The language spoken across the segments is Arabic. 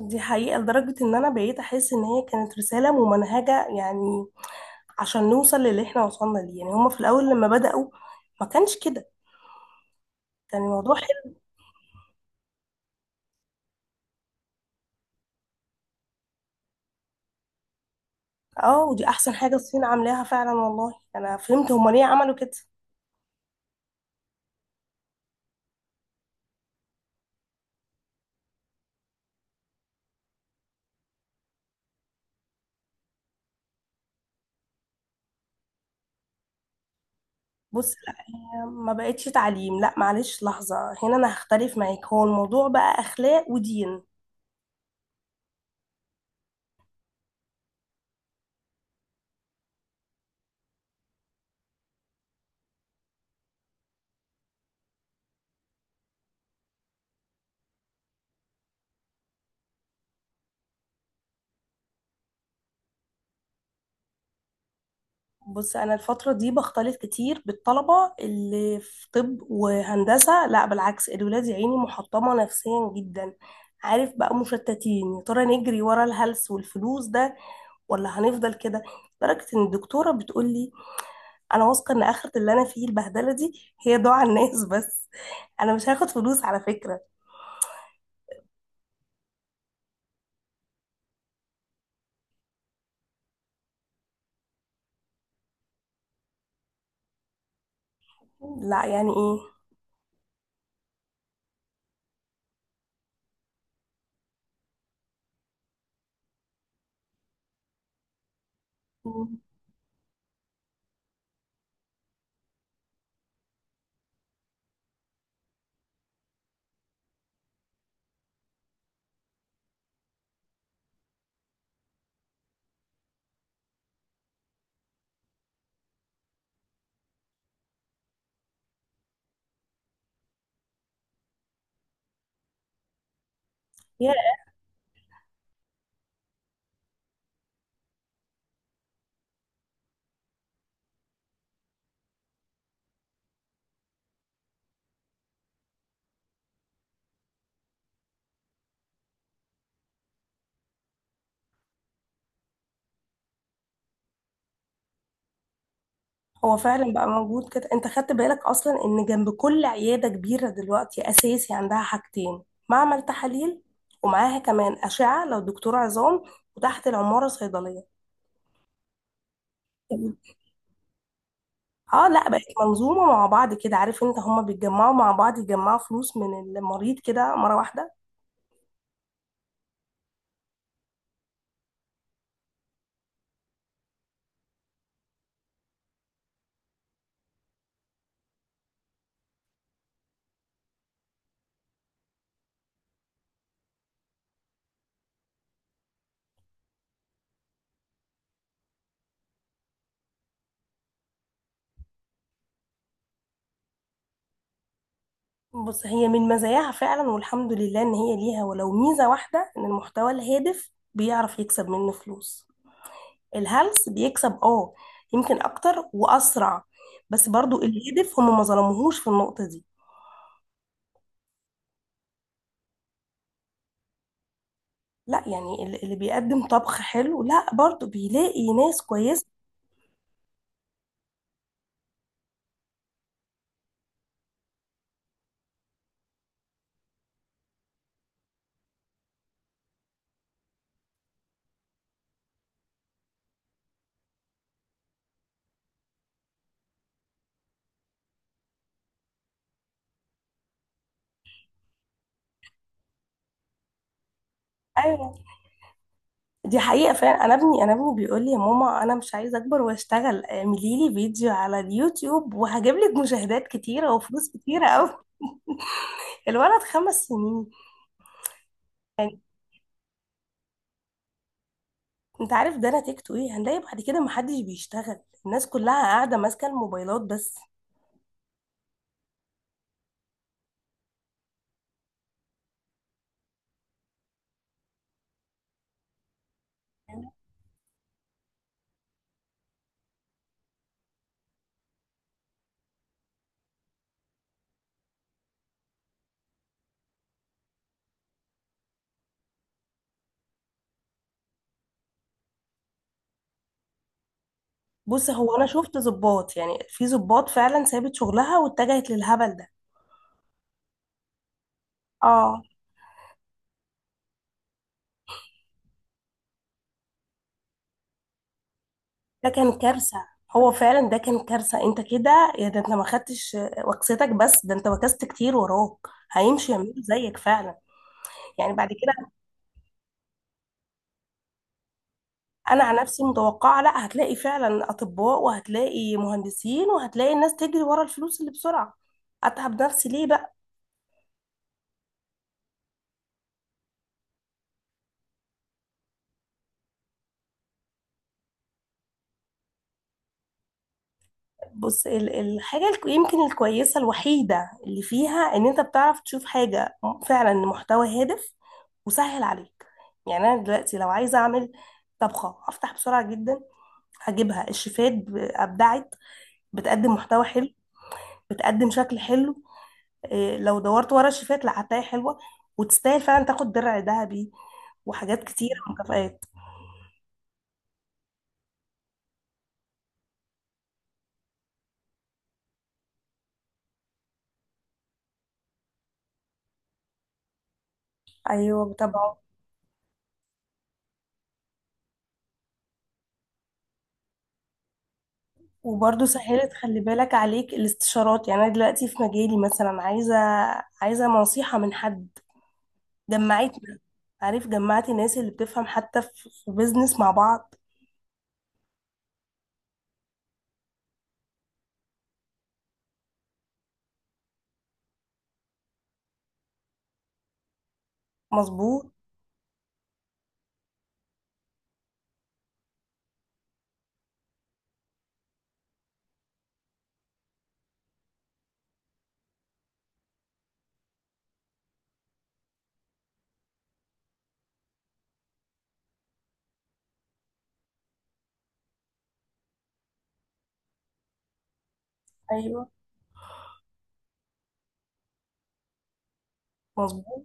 دي حقيقة لدرجة إن أنا بقيت أحس إن هي كانت رسالة ممنهجة يعني عشان نوصل للي إحنا وصلنا ليه. يعني هما في الأول لما بدأوا ما كانش كده، كان الموضوع حلو. اه، ودي أحسن حاجة الصين عاملاها فعلا، والله أنا فهمت هما ليه عملوا كده. بص، أنا ما بقتش تعليم، لا معلش لحظة، هنا أنا هختلف معاك، هو الموضوع بقى أخلاق ودين. بص انا الفتره دي بختلط كتير بالطلبه اللي في طب وهندسه، لا بالعكس، الولاد يا عيني محطمه نفسيا جدا. عارف بقى مشتتين، يا ترى نجري ورا الهلس والفلوس ده ولا هنفضل كده؟ لدرجه ان الدكتوره بتقول لي: انا واثقه ان اخره اللي انا فيه البهدله دي هي دعاء الناس بس، انا مش هاخد فلوس على فكره. لا يعني ايه؟ هو فعلا بقى موجود كده، انت خدت بالك اصلا ان جنب كل عياده كبيره دلوقتي اساسي عندها حاجتين: معمل تحاليل، ومعاها كمان اشعه لو دكتور عظام، وتحت العماره صيدليه. اه، لا بقت منظومه مع بعض كده، عارف انت هما بيتجمعوا مع بعض يجمعوا فلوس من المريض كده مره واحده. بص هي من مزاياها فعلا، والحمد لله ان هي ليها ولو ميزه واحده، ان المحتوى الهادف بيعرف يكسب منه فلوس. الهلس بيكسب، اه، يمكن اكتر واسرع، بس برضو الهدف هم ما ظلموهوش في النقطة دي. لا يعني اللي بيقدم طبخ حلو لا برضو بيلاقي ناس كويسة. ايوه، دي حقيقة فعلا، انا ابني بيقول لي: يا ماما انا مش عايز اكبر واشتغل، اعملي لي فيديو على اليوتيوب وهجيب لك مشاهدات كتيرة وفلوس كتيرة قوي. الولد 5 سنين. يعني انت عارف ده نتيجته ايه؟ هنلاقي بعد كده محدش بيشتغل، الناس كلها قاعدة ماسكة الموبايلات بس. بص هو انا شفت ضباط، يعني في ضباط فعلا سابت شغلها واتجهت للهبل ده. اه، ده كان كارثه، هو فعلا ده كان كارثه، انت كده يا ده انت ما خدتش وكستك، بس ده انت وكست كتير وراك هيمشي يعملوا زيك فعلا يعني بعد كده. انا عن نفسي متوقعه، لا هتلاقي فعلا اطباء وهتلاقي مهندسين وهتلاقي الناس تجري ورا الفلوس اللي بسرعه، اتعب نفسي ليه بقى؟ بص الحاجة يمكن الكويسة الوحيدة اللي فيها ان انت بتعرف تشوف حاجة فعلا محتوى هادف وسهل عليك. يعني انا دلوقتي لو عايزة اعمل طبخة، هفتح بسرعة جدا، هجيبها الشيفات ابدعت، بتقدم محتوى حلو، بتقدم شكل حلو. إيه، لو دورت ورا الشيفات لا هتلاقي حلوة وتستاهل فعلا تاخد درع ذهبي وحاجات كتير مكافآت. ايوه طبعا. وبرضه سهلت، خلي بالك عليك الاستشارات، يعني انا دلوقتي في مجالي مثلا عايزه نصيحه من حد، جمعتنا، عارف جمعت الناس اللي بتفهم حتى في بيزنس مع بعض. مظبوط. ايوه، مظبوط.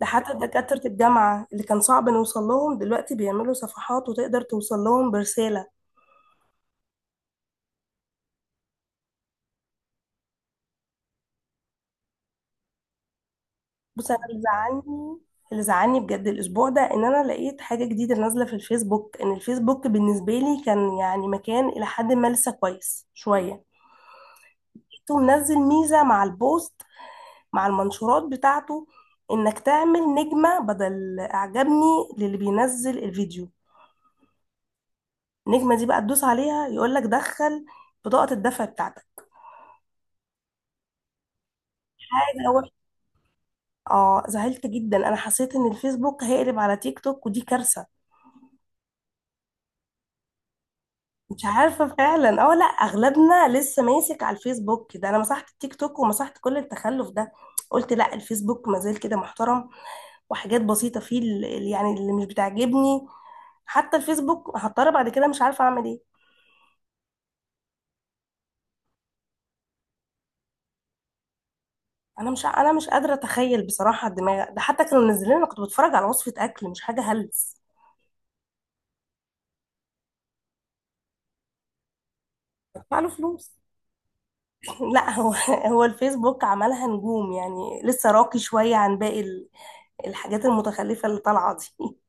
ده حتى دكاتره الجامعه اللي كان صعب نوصل لهم دلوقتي بيعملوا صفحات وتقدر توصل لهم برساله. بص انا اللي زعلني، اللي زعلني بجد الاسبوع ده ان انا لقيت حاجه جديده نازله في الفيسبوك، ان الفيسبوك بالنسبه لي كان يعني مكان الى حد ما لسه كويس شويه، ومنزل ميزة مع البوست، مع المنشورات بتاعته، انك تعمل نجمة بدل اعجبني للي بينزل الفيديو. النجمة دي بقى تدوس عليها يقولك دخل بطاقة الدفع بتاعتك، حاجة وحشة. اه، زعلت جدا، انا حسيت ان الفيسبوك هيقلب على تيك توك ودي كارثة. مش عارفة فعلا، اه، لا اغلبنا لسه ماسك على الفيسبوك ده، انا مسحت التيك توك ومسحت كل التخلف ده، قلت لا الفيسبوك مازال كده محترم، وحاجات بسيطة فيه اللي يعني اللي مش بتعجبني، حتى الفيسبوك هضطر بعد كده مش عارفه اعمل ايه. انا مش قادره اتخيل بصراحه، الدماغ ده حتى كانوا منزلين انا كنت بتفرج على وصفه اكل مش حاجه هلس. بدفع له فلوس؟ لا، هو الفيسبوك عملها نجوم يعني لسه راقي شويه عن باقي الحاجات المتخلفه اللي طالعه دي.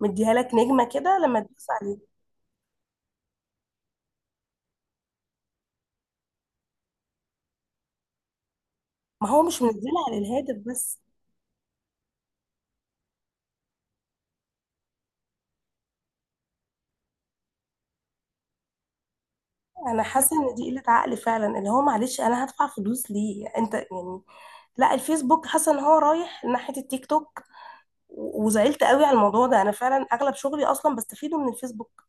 مديها لك نجمه كده لما تدوس عليه، ما هو مش منزلها للهادف بس. انا حاسه ان دي قله عقل فعلا، اللي هو معلش انا هدفع فلوس ليه انت يعني؟ لا الفيسبوك حاسه ان هو رايح ناحيه التيك توك، وزعلت قوي على الموضوع ده، انا فعلا اغلب شغلي اصلا بستفيده من الفيسبوك.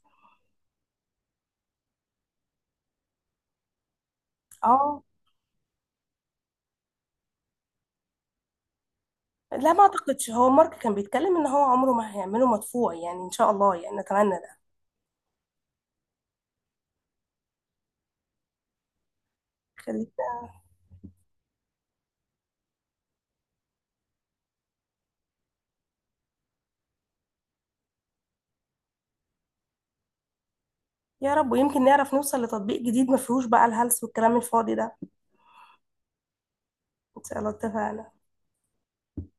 اه، لا ما اعتقدش، هو مارك كان بيتكلم ان هو عمره ما هيعمله مدفوع، يعني ان شاء الله يعني نتمنى ده. خليك. يا رب، ويمكن نعرف نوصل لتطبيق جديد ما فيهوش بقى الهلس والكلام الفاضي ده. ان شاء الله، اتفقنا.